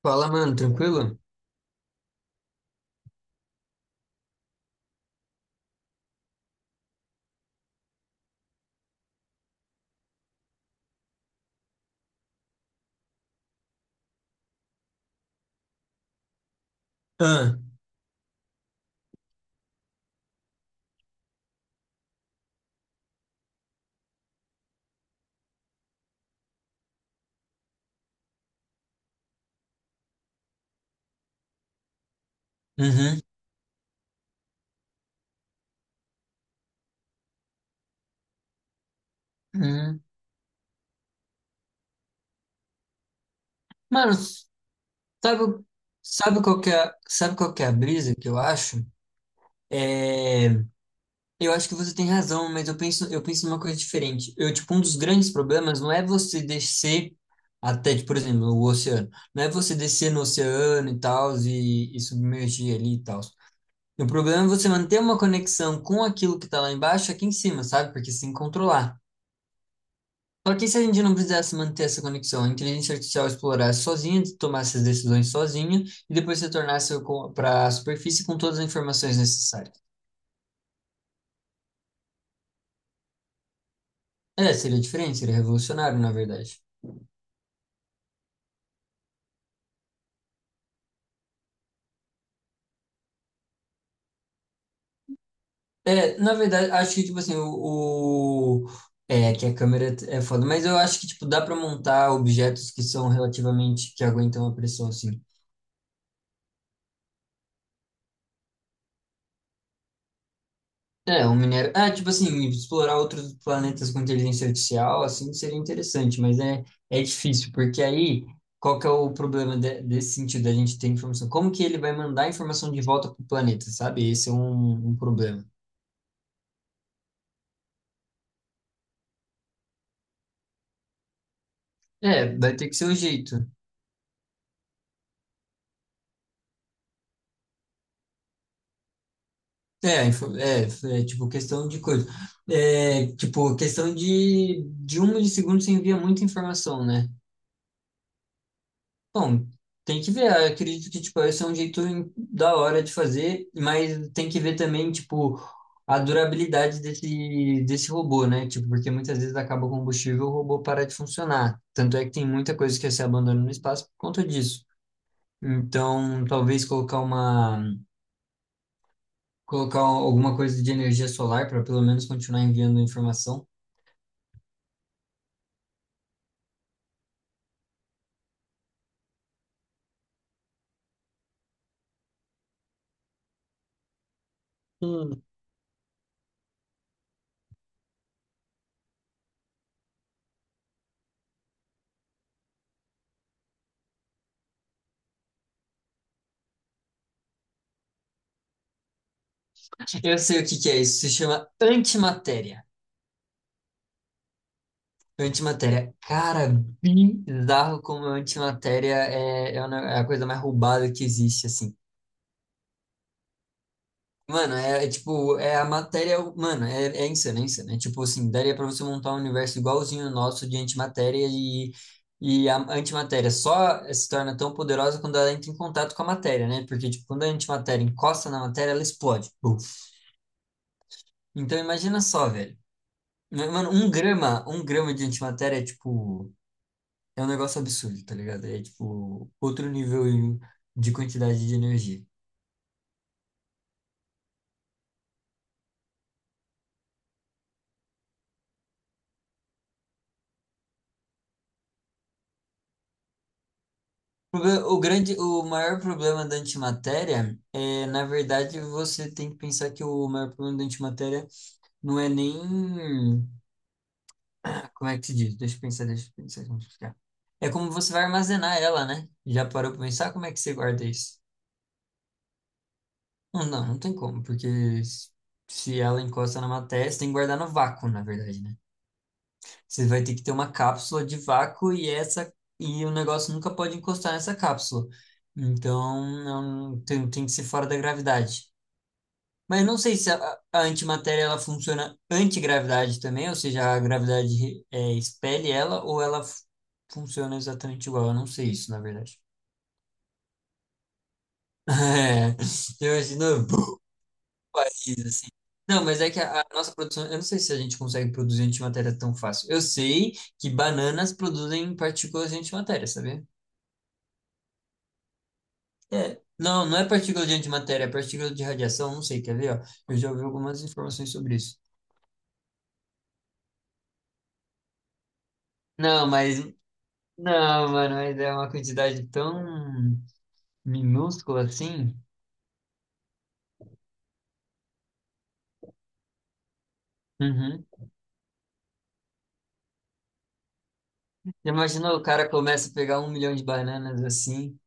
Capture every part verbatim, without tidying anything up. Fala, mano, tranquilo? Ah, uhum, uhum. Mano, sabe, sabe qual que é, sabe qual que é a brisa que eu acho? É, eu acho que você tem razão, mas eu penso, eu penso numa coisa diferente. Eu, tipo, um dos grandes problemas não é você descer até, tipo, por exemplo, o oceano. Não é você descer no oceano e tal, e, e submergir ali e tal. O problema é você manter uma conexão com aquilo que tá lá embaixo, aqui em cima, sabe? Porque se controlar. Só que se a gente não precisasse manter essa conexão, a inteligência artificial explorasse sozinha, tomasse as decisões sozinha e depois se tornasse para a superfície com todas as informações necessárias. É, seria diferente, seria revolucionário, na verdade. É, na verdade, acho que, tipo assim, o, o- É, que a câmera é foda, mas eu acho que, tipo, dá para montar objetos que são relativamente, que aguentam a pressão, assim. É, um minério. Ah, tipo assim, explorar outros planetas com inteligência artificial, assim, seria interessante, mas é, é difícil, porque aí, qual que é o problema de- desse sentido, da gente ter informação? Como que ele vai mandar a informação de volta para o planeta, sabe? Esse é um, um problema. É, vai ter que ser o jeito. É, info- é, é, tipo, questão de coisa. É, tipo, questão de, de um milissegundo você envia muita informação, né? Bom, tem que ver. Eu acredito que, tipo, esse é um jeito em- da hora de fazer, mas tem que ver também, tipo, a durabilidade desse, desse robô, né? Tipo, porque muitas vezes acaba o combustível, o robô para de funcionar. Tanto é que tem muita coisa que se abandona no espaço por conta disso. Então, talvez colocar uma, colocar alguma coisa de energia solar para pelo menos continuar enviando informação. Hum, eu sei o que que é isso. Se chama antimatéria. Antimatéria. Cara, bizarro como antimatéria é, é a é a coisa mais roubada que existe, assim. Mano, é, é tipo, é a matéria. Mano, é, é insano, é insano. É tipo assim, daria pra você montar um universo igualzinho o nosso de antimatéria e, e a antimatéria só se torna tão poderosa quando ela entra em contato com a matéria, né? Porque, tipo, quando a antimatéria encosta na matéria, ela explode. Buf. Então, imagina só, velho. Mano, um grama, um grama de antimatéria é tipo. É um negócio absurdo, tá ligado? É tipo outro nível de quantidade de energia. Proble- O grande, o maior problema da antimatéria é, na verdade, você tem que pensar que o maior problema da antimatéria não é nem, como é que se diz? Deixa eu pensar, deixa eu pensar, como explicar. É como você vai armazenar ela, né? Já parou pra pensar como é que você guarda isso? Não, não, não tem como, porque se ela encosta na matéria, você tem que guardar no vácuo, na verdade, né? Você vai ter que ter uma cápsula de vácuo e essa e o negócio nunca pode encostar nessa cápsula. Então, não tem, tem que ser fora da gravidade. Mas não sei se a, a antimatéria ela funciona antigravidade também, ou seja, a gravidade re- é, expele ela ou ela fu- funciona exatamente igual. Eu não sei isso, na verdade. É, eu imagino o país assim. Não, mas é que a, a nossa produção, eu não sei se a gente consegue produzir antimatéria tão fácil. Eu sei que bananas produzem partículas de antimatéria, sabia? É, não, não é partícula de antimatéria, é partícula de radiação, não sei, quer ver, ó? Eu já ouvi algumas informações sobre isso. Não, mas, não, mano, mas é uma quantidade tão minúscula assim. Uhum. Já imaginou, o cara começa a pegar um milhão de bananas assim?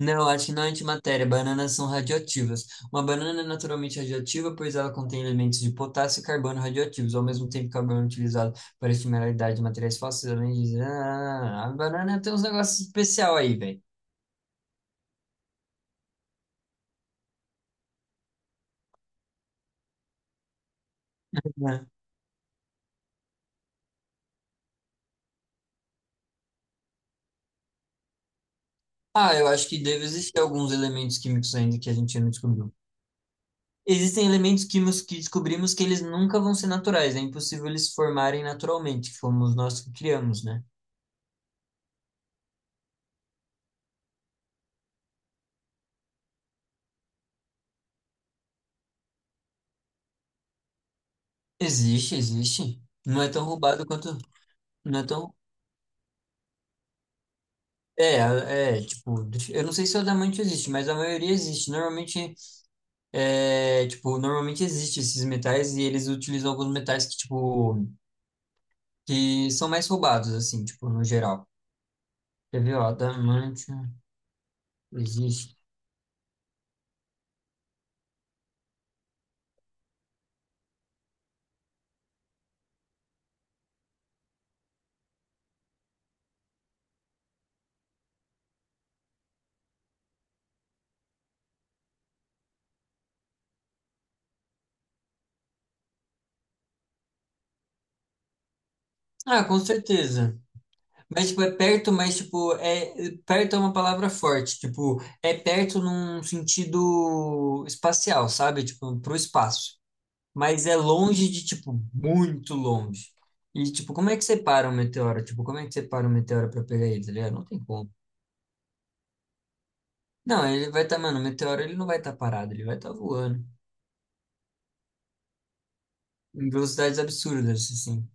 Não, acho que não é antimatéria, bananas são radioativas. Uma banana é naturalmente radioativa, pois ela contém elementos de potássio e carbono radioativos, ao mesmo tempo que o carbono é utilizado para estimular a idade de materiais fósseis, além de... Ah, a banana tem uns negócios especial aí, velho. Ah, eu acho que deve existir alguns elementos químicos ainda que a gente não descobriu. Existem elementos químicos que descobrimos que eles nunca vão ser naturais, é impossível eles se formarem naturalmente, que fomos nós que criamos, né? Existe, existe. Não é tão roubado quanto. Não é tão. É, é, tipo, eu não sei se o diamante existe, mas a maioria existe. Normalmente, é, tipo, normalmente existe esses metais e eles utilizam alguns metais que, tipo, que são mais roubados, assim, tipo, no geral. Quer ver, ó, diamante existe. Ah, com certeza. Mas, tipo, é perto, mas, tipo, é... Perto é uma palavra forte. Tipo, é perto num sentido espacial, sabe? Tipo, pro espaço. Mas é longe de, tipo, muito longe. E, tipo, como é que separa um meteoro? Tipo, como é que separa um meteoro pra pegar ele, tá ligado? Não tem como. Não, ele vai estar, tá, mano, o meteoro, ele não vai estar parado, ele vai estar voando. Em velocidades absurdas, assim.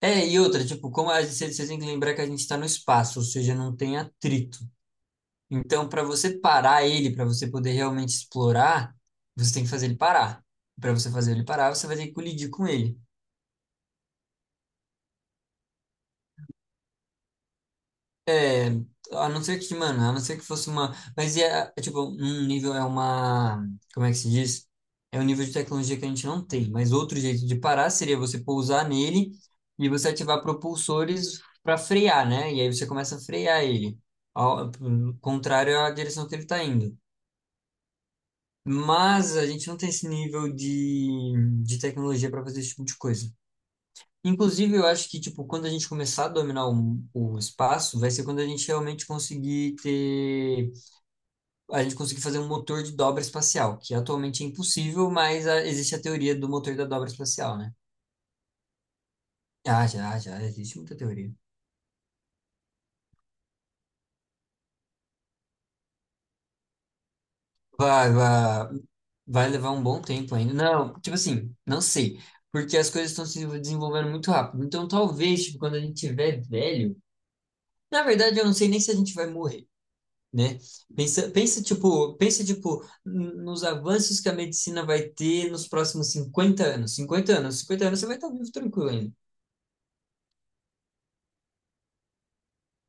É, e outra, tipo, como a gente, vocês têm que lembrar que a gente está no espaço, ou seja, não tem atrito. Então, para você parar ele, para você poder realmente explorar, você tem que fazer ele parar. Para você fazer ele parar, você vai ter que colidir com ele. É, a não ser que, mano, a não ser que fosse uma. Mas é, é tipo, um nível é uma. Como é que se diz? É um nível de tecnologia que a gente não tem. Mas outro jeito de parar seria você pousar nele e você ativar propulsores para frear, né? E aí você começa a frear ele, ao, ao contrário à direção que ele está indo. Mas a gente não tem esse nível de, de tecnologia para fazer esse tipo de coisa. Inclusive, eu acho que, tipo, quando a gente começar a dominar o, o espaço, vai ser quando a gente realmente conseguir ter... A gente conseguir fazer um motor de dobra espacial, que atualmente é impossível, mas ah, existe a teoria do motor da dobra espacial, né? Ah, já, já, existe muita teoria. Vai, vai, vai levar um bom tempo ainda. Não, tipo assim, não sei. Porque as coisas estão se desenvolvendo muito rápido. Então, talvez, tipo, quando a gente tiver velho. Na verdade, eu não sei nem se a gente vai morrer, né? Pensa, pensa tipo, pensa tipo n- nos avanços que a medicina vai ter nos próximos cinquenta anos. 50 anos, cinquenta anos você vai estar vivo tranquilo ainda.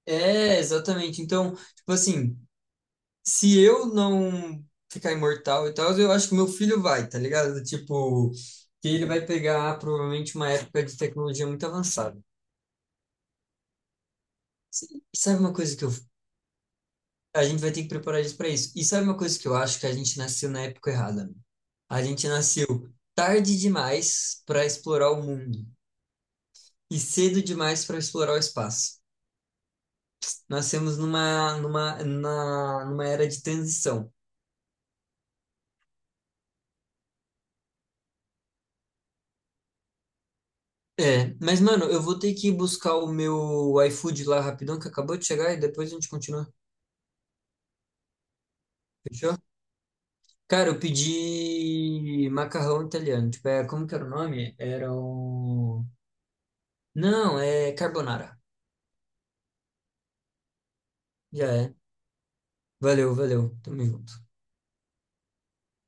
É, exatamente. Então, tipo assim, se eu não ficar imortal e tal, eu acho que meu filho vai, tá ligado? Tipo, que ele vai pegar provavelmente uma época de tecnologia muito avançada. E sabe uma coisa que eu, a gente vai ter que preparar isso para isso. E sabe uma coisa que eu acho que a gente nasceu na época errada. A gente nasceu tarde demais para explorar o mundo e cedo demais para explorar o espaço. Nascemos numa, numa, na- numa era de transição. É, mas mano, eu vou ter que buscar o meu iFood lá rapidão, que acabou de chegar, e depois a gente continua. Fechou? Cara, eu pedi macarrão italiano. Tipo, é, como que era o nome? Era o. Não, é carbonara. Já é. Valeu, valeu. Tamo junto.